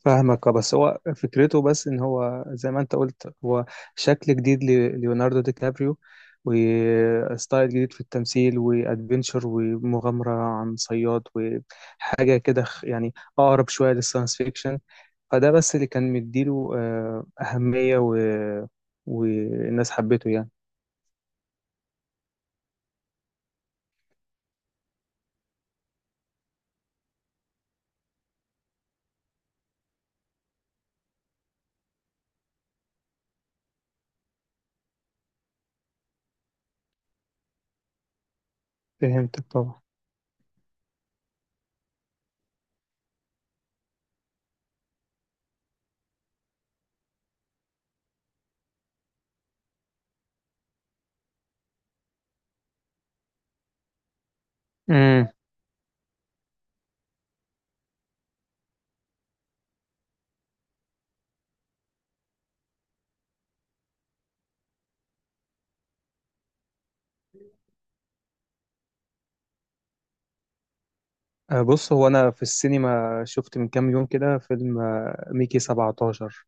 فاهمك اه، بس هو فكرته بس، ان هو زي ما انت قلت، هو شكل جديد لليوناردو دي كابريو، وستايل جديد في التمثيل وادفنتشر ومغامرة عن صياد وحاجة كده يعني اقرب شوية للساينس فيكشن. فده بس اللي كان مديله أهمية والناس حبته يعني. فهمتك طبعا. امم بص، هو انا في السينما شفت من كام يوم كده فيلم ميكي 17.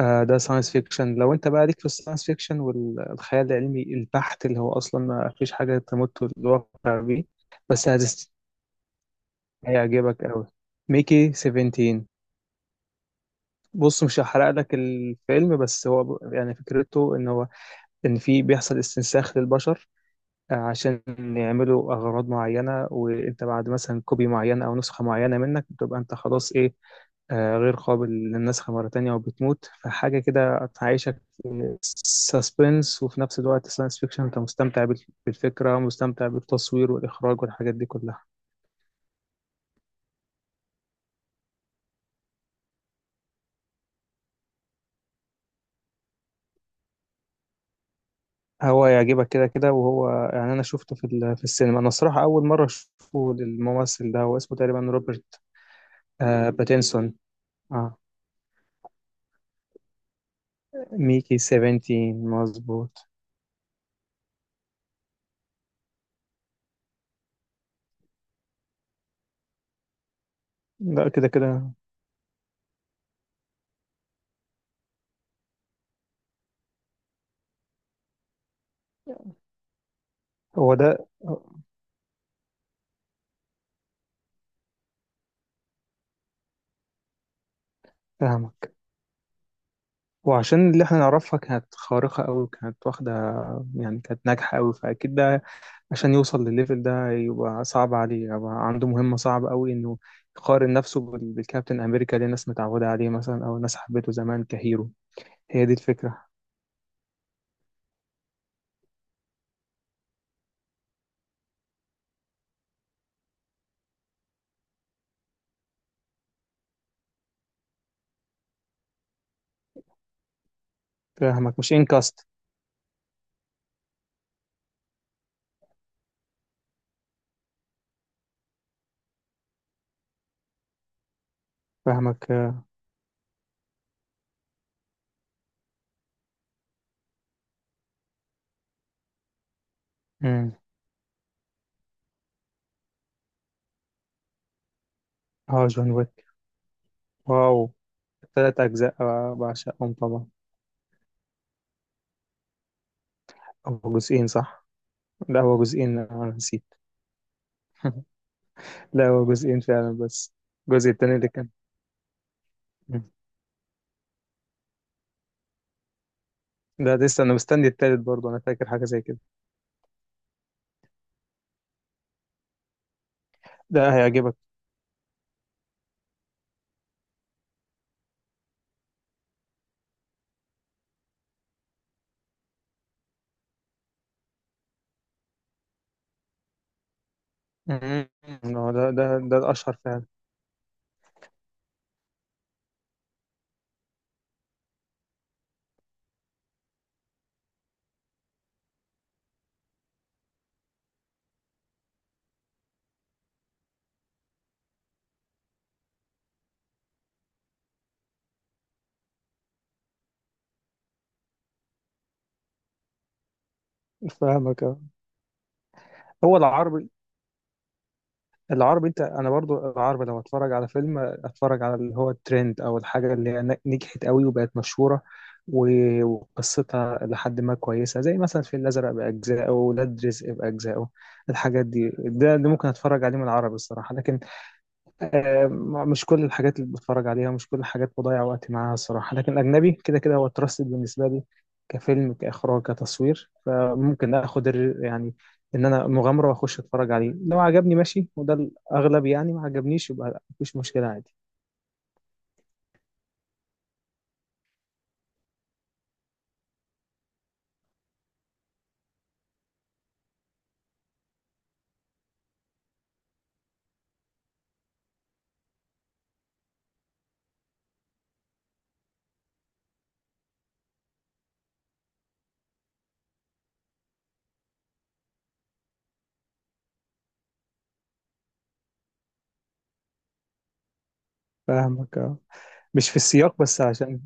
آه، ده ساينس فيكشن. لو انت بقى ليك في الساينس فيكشن والخيال العلمي البحت اللي هو اصلا ما فيش حاجه تمت الواقع بيه، بس هيعجبك قوي. ميكي 17. بص، مش هحرق لك الفيلم، بس هو يعني فكرته ان هو ان في بيحصل استنساخ للبشر، عشان يعملوا اغراض معينه. وانت بعد مثلا كوبي معين او نسخه معينه منك بتبقى انت خلاص ايه، غير قابل للنسخ مرة تانية وبتموت. فحاجة كده هتعيشك في سسبنس، وفي نفس الوقت ساينس فيكشن. انت مستمتع بالفكرة، مستمتع بالتصوير والإخراج والحاجات دي كلها. هو يعجبك كده كده. وهو يعني أنا شفته في السينما. أنا الصراحة أول مرة أشوفه للممثل ده. هو اسمه تقريبا روبرت. باتينسون. آه ميكي 17، مظبوط. لا كده كده. هو ده. فاهمك. وعشان اللي احنا نعرفها كانت خارقة أوي، كانت واخدة يعني، كانت ناجحة أوي. فأكيد ده عشان يوصل للليفل ده يبقى صعب عليه، يبقى عنده مهمة صعبة أوي إنه يقارن نفسه بالكابتن أمريكا اللي الناس متعودة عليه، مثلا، أو الناس حبته زمان كهيرو. هي دي الفكرة. فاهمك، مش إنكاست. فاهمك. مم. اه، جون ويك. واو، 3 أجزاء بعشقهم طبعا. أو جزئين، صح؟ لا، هو جزئين، أنا نسيت. لا، هو جزئين فعلا بس. الجزء التاني اللي كان، ده لسه انا مستني التالت برضه، انا فاكر حاجه زي كده. ده هيعجبك. أمم، هو ده الاشهر فعلا. فاهمك أه. هو العربي، العربي انت انا برضو، العربي لو اتفرج على فيلم اتفرج على اللي هو الترند او الحاجه اللي هي نجحت قوي وبقت مشهوره وقصتها لحد ما كويسه، زي مثلا الفيل الازرق باجزائه، ولاد رزق باجزائه. الحاجات دي، ده ممكن اتفرج عليه من العربي الصراحه. لكن آه، مش كل الحاجات اللي بتفرج عليها، مش كل الحاجات بضيع وقتي معاها الصراحة. لكن الأجنبي كده كده هو تراستد بالنسبة لي، كفيلم، كإخراج، كتصوير. فممكن آخد يعني إن أنا مغامرة وأخش أتفرج عليه. لو عجبني ماشي، وده الأغلب. يعني ما عجبنيش يبقى مفيش مشكلة، عادي. فاهمك آه. مش في السياق، بس عشان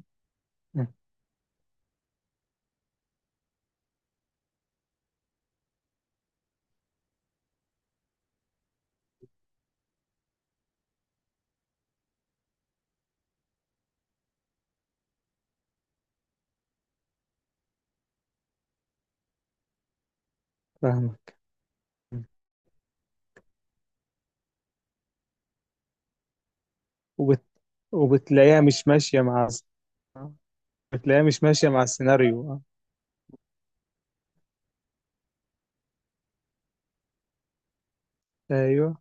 مم، فاهمك. مم. وبت... وبتلاقيها مش ماشية مع... بتلاقيها مش ماشية مع السيناريو آه. أيوه.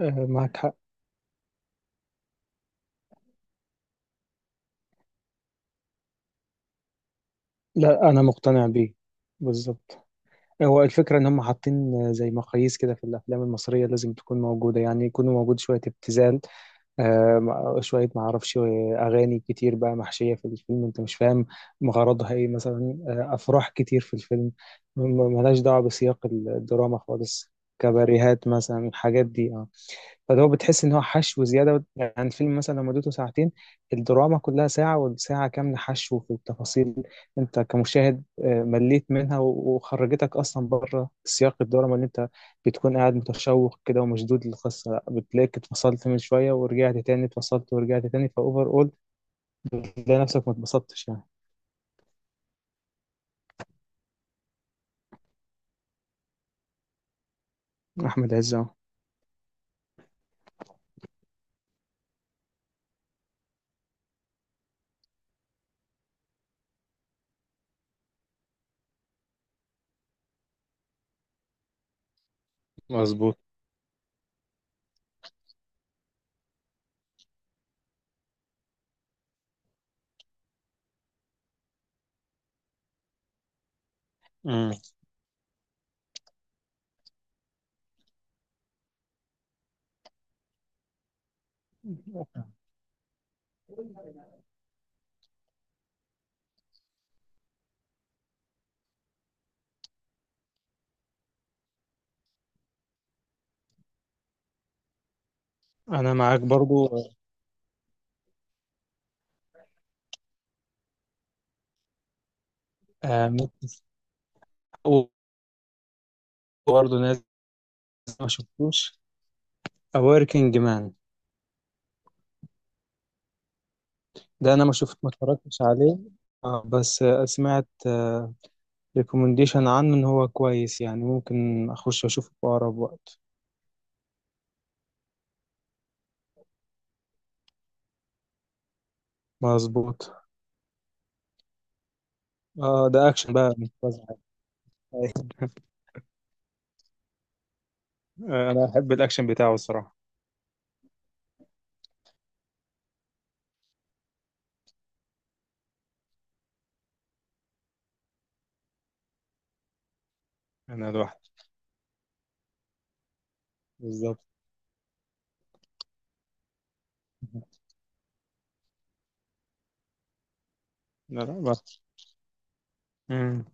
معاك حق. لا، أنا مقتنع بيه، بالظبط. هو الفكرة إن هم حاطين زي مقاييس كده في الأفلام المصرية لازم تكون موجودة. يعني يكون موجود شوية ابتذال، شوية معرفش، أغاني كتير بقى محشية في الفيلم، أنت مش فاهم غرضها إيه مثلا. أفراح كتير في الفيلم، م- ملهاش دعوة بسياق الدراما خالص. كباريهات مثلا، الحاجات دي آه. فاللي هو بتحس ان هو حشو زياده. يعني الفيلم مثلا لو مدته ساعتين، الدراما كلها ساعه، والساعه كامله حشو في التفاصيل. انت كمشاهد مليت منها وخرجتك اصلا بره سياق الدراما اللي انت بتكون قاعد متشوق كده ومشدود للقصه. لا، بتلاقيك اتفصلت من شويه ورجعت تاني، اتفصلت ورجعت تاني، فاوفر اول. بتلاقي نفسك ما اتبسطتش يعني. احمد عز أهو. مظبوط. مم. انا معاك برضو. آه، ممكن- وبرضو نازل، ما شفتوش A Working Man. ده انا ما شفت، ما اتفرجتش عليه، اه، بس سمعت ريكومنديشن عنه ان هو كويس. يعني ممكن اخش اشوفه في اقرب وقت. مظبوط. اه، ده اكشن بقى، مش فزع. انا احب الاكشن بتاعه الصراحه. انا لوحدي. بالظبط. لا لا. بقى.